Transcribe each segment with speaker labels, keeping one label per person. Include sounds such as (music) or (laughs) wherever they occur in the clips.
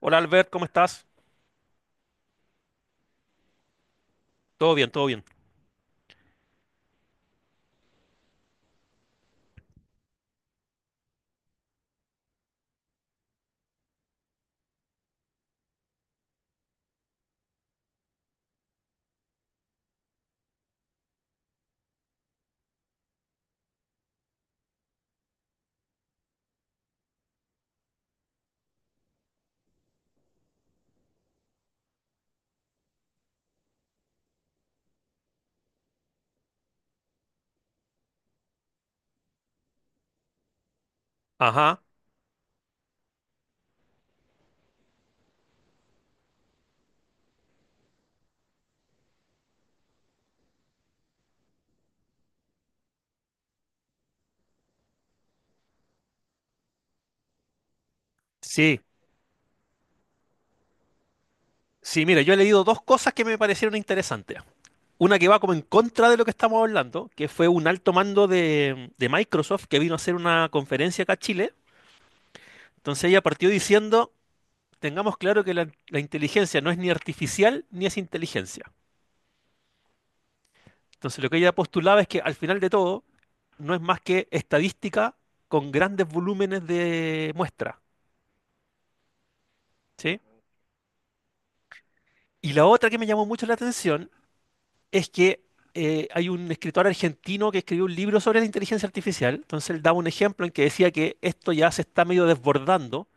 Speaker 1: Hola Albert, ¿cómo estás? Todo bien, todo bien. Ajá, sí, sí, mira, yo he leído dos cosas que me parecieron interesantes. Una que va como en contra de lo que estamos hablando, que fue un alto mando de Microsoft que vino a hacer una conferencia acá a Chile. Entonces ella partió diciendo, tengamos claro que la inteligencia no es ni artificial ni es inteligencia. Entonces lo que ella postulaba es que al final de todo no es más que estadística con grandes volúmenes de muestra, ¿sí? Y la otra que me llamó mucho la atención es que hay un escritor argentino que escribió un libro sobre la inteligencia artificial. Entonces él daba un ejemplo en que decía que esto ya se está medio desbordando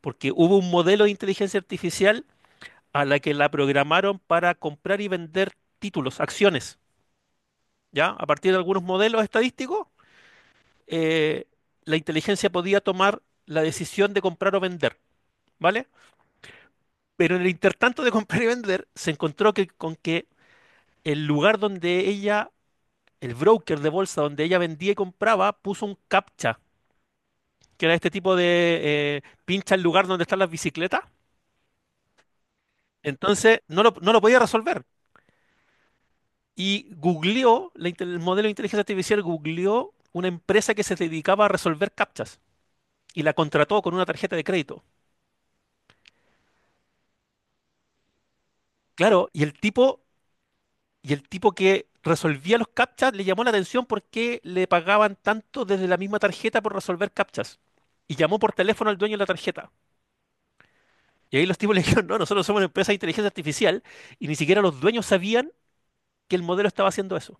Speaker 1: porque hubo un modelo de inteligencia artificial a la que la programaron para comprar y vender títulos, acciones, ¿ya? A partir de algunos modelos estadísticos, eh, la inteligencia podía tomar la decisión de comprar o vender, ¿vale? Pero en el intertanto de comprar y vender, se encontró que, con que el lugar donde ella el broker de bolsa donde ella vendía y compraba puso un captcha, que era este tipo de pincha el lugar donde están las bicicletas. Entonces no lo podía resolver. Y googleó, el modelo de inteligencia artificial googleó una empresa que se dedicaba a resolver captchas y la contrató con una tarjeta de crédito. Claro, y el tipo que resolvía los captchas le llamó la atención porque le pagaban tanto desde la misma tarjeta por resolver captchas. Y llamó por teléfono al dueño de la tarjeta. Y ahí los tipos (laughs) le dijeron, no, nosotros somos una empresa de inteligencia artificial y ni siquiera los dueños sabían que el modelo estaba haciendo eso.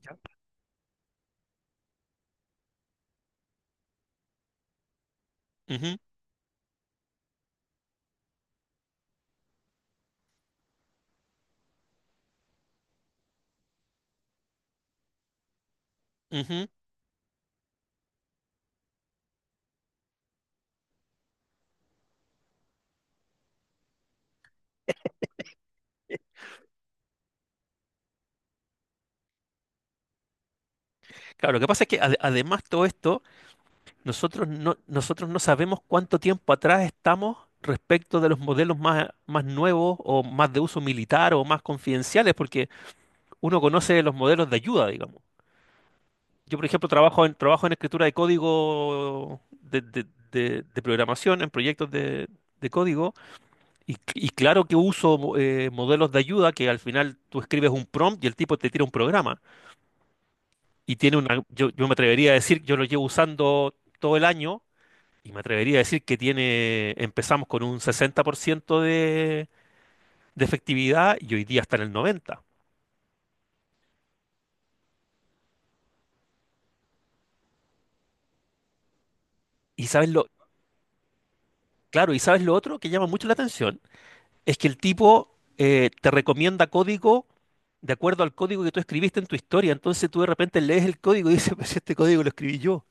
Speaker 1: ¿Ya? Ujú, ujú. Claro, lo que pasa es que además todo esto, nosotros no sabemos cuánto tiempo atrás estamos respecto de los modelos más, más nuevos o más de uso militar o más confidenciales, porque uno conoce los modelos de ayuda, digamos. Yo, por ejemplo, trabajo en escritura de código de de programación, en proyectos de código. Y claro que uso modelos de ayuda que al final tú escribes un prompt y el tipo te tira un programa. Y tiene una, yo me atrevería a decir, yo lo llevo usando todo el año y me atrevería a decir que tiene, empezamos con un 60% de efectividad y hoy día está en el 90%. Y sabes lo, claro, y sabes lo otro que llama mucho la atención, es que el tipo te recomienda código de acuerdo al código que tú escribiste en tu historia. Entonces tú de repente lees el código y dices, pues este código lo escribí yo.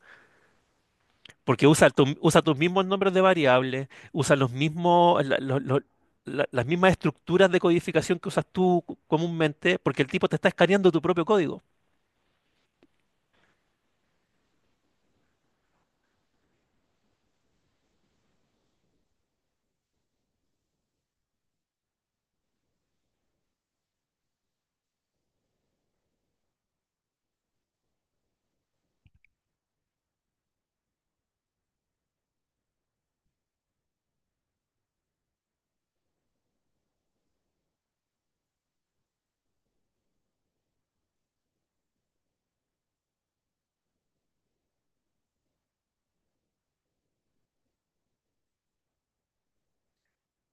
Speaker 1: Porque usa tus mismos nombres de variables, usa los mismos, las mismas estructuras de codificación que usas tú comúnmente, porque el tipo te está escaneando tu propio código.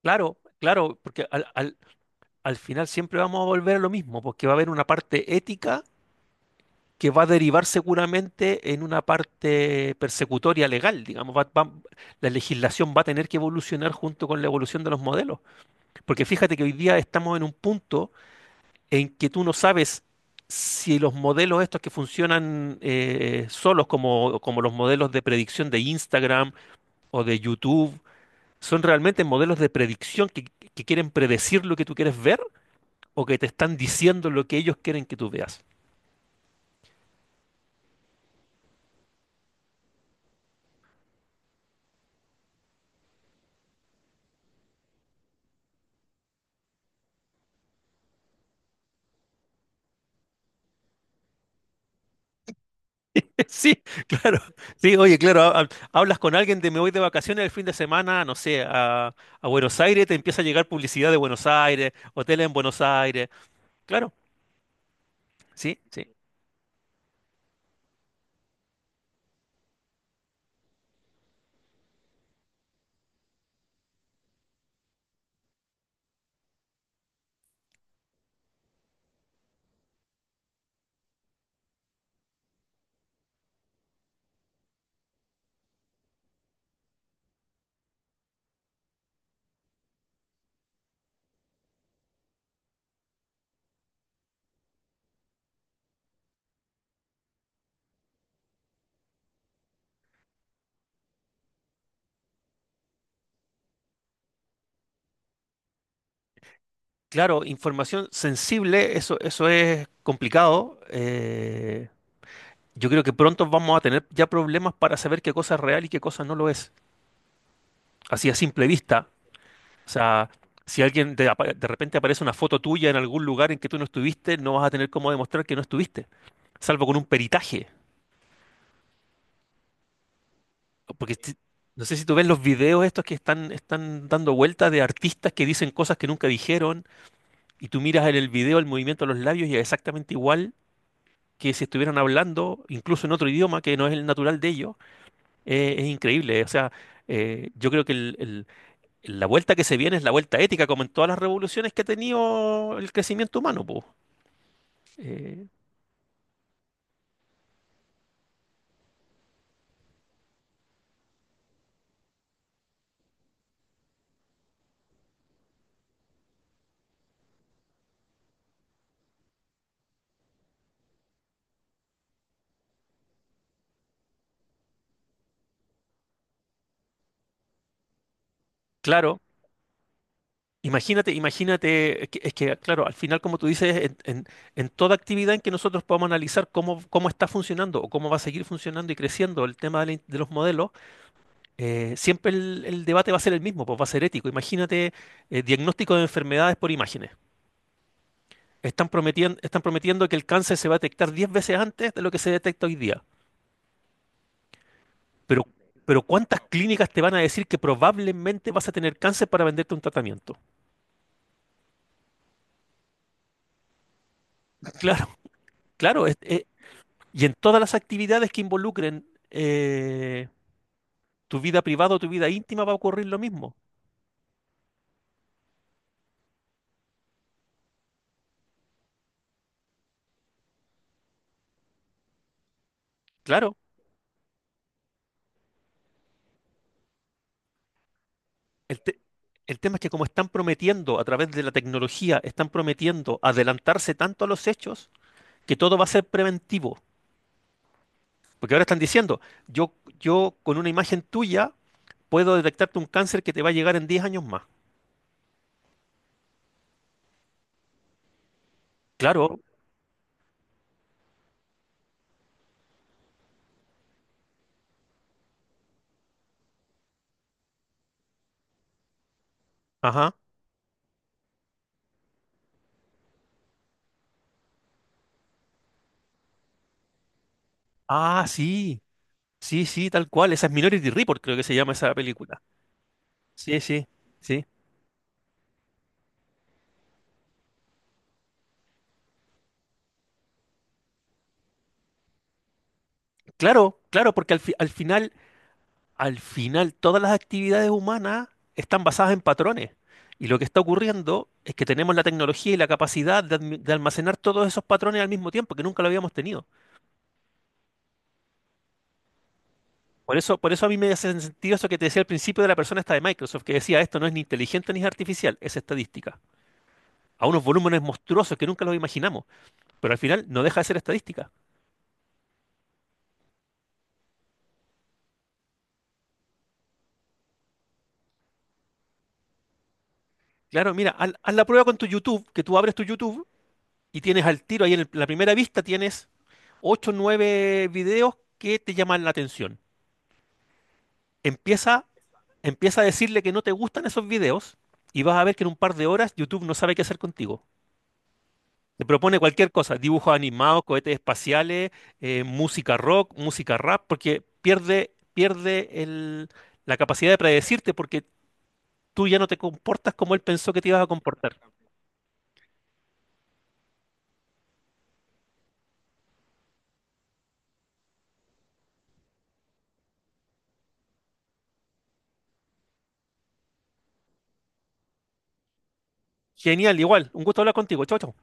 Speaker 1: Claro, claro, porque al final siempre vamos a volver a lo mismo, porque va a haber una parte ética que va a derivar seguramente en una parte persecutoria legal, digamos, la legislación va a tener que evolucionar junto con la evolución de los modelos. Porque fíjate que hoy día estamos en un punto en que tú no sabes si los modelos estos que funcionan solos, como, como los modelos de predicción de Instagram o de YouTube, son realmente modelos de predicción que quieren predecir lo que tú quieres ver o que te están diciendo lo que ellos quieren que tú veas. (laughs) Sí, claro. Sí, oye, claro, hablas con alguien de me voy de vacaciones el fin de semana, no sé, a Buenos Aires, te empieza a llegar publicidad de Buenos Aires, hoteles en Buenos Aires. Claro, sí, sí. Claro, información sensible, eso es complicado. Yo creo que pronto vamos a tener ya problemas para saber qué cosa es real y qué cosa no lo es, así a simple vista. O sea, si alguien de repente aparece una foto tuya en algún lugar en que tú no estuviste, no vas a tener cómo demostrar que no estuviste, salvo con un peritaje. Porque si- No sé si tú ves los videos estos que están dando vueltas de artistas que dicen cosas que nunca dijeron y tú miras en el video el movimiento de los labios y es exactamente igual que si estuvieran hablando, incluso en otro idioma que no es el natural de ellos, es increíble. O sea, yo creo que la vuelta que se viene es la vuelta ética, como en todas las revoluciones que ha tenido el crecimiento humano, po. Eh, claro, imagínate, imagínate, claro, al final, como tú dices, en toda actividad en que nosotros podamos analizar cómo, cómo está funcionando o cómo va a seguir funcionando y creciendo el tema de, de los modelos, siempre el debate va a ser el mismo, pues va a ser ético. Imagínate, diagnóstico de enfermedades por imágenes. Están prometiendo que el cáncer se va a detectar 10 veces antes de lo que se detecta hoy día. Pero, pero ¿cuántas clínicas te van a decir que probablemente vas a tener cáncer para venderte un tratamiento? Claro, claro. Y en todas las actividades que involucren eh, tu vida privada o tu vida íntima va a ocurrir lo mismo. Claro. El, te- el tema es que como están prometiendo a través de la tecnología, están prometiendo adelantarse tanto a los hechos que todo va a ser preventivo. Porque ahora están diciendo, yo, yo con una imagen tuya puedo detectarte un cáncer que te va a llegar en diez años más. Claro, ajá. Ah, sí, sí, sí, tal cual. Esa es Minority Report, creo que se llama esa película. Sí, sí, sí. Claro, claro, porque al final, todas las actividades humanas están basadas en patrones. Y lo que está ocurriendo es que tenemos la tecnología y la capacidad de almacenar todos esos patrones al mismo tiempo, que nunca lo habíamos tenido. Por eso a mí me hace sentido eso que te decía al principio de la persona esta de Microsoft, que decía, esto no es ni inteligente ni es artificial, es estadística. A unos volúmenes monstruosos que nunca los imaginamos, pero al final no deja de ser estadística. Claro, mira, haz la prueba con tu YouTube, que tú abres tu YouTube y tienes al tiro ahí en la primera vista, tienes 8 o 9 videos que te llaman la atención. Empieza, empieza a decirle que no te gustan esos videos y vas a ver que en un par de horas YouTube no sabe qué hacer contigo. Te propone cualquier cosa, dibujos animados, cohetes espaciales, música rock, música rap, porque pierde, pierde la capacidad de predecirte porque tú ya no te comportas como él pensó que te ibas a comportar. Genial, igual. Un gusto hablar contigo. Chau, chau.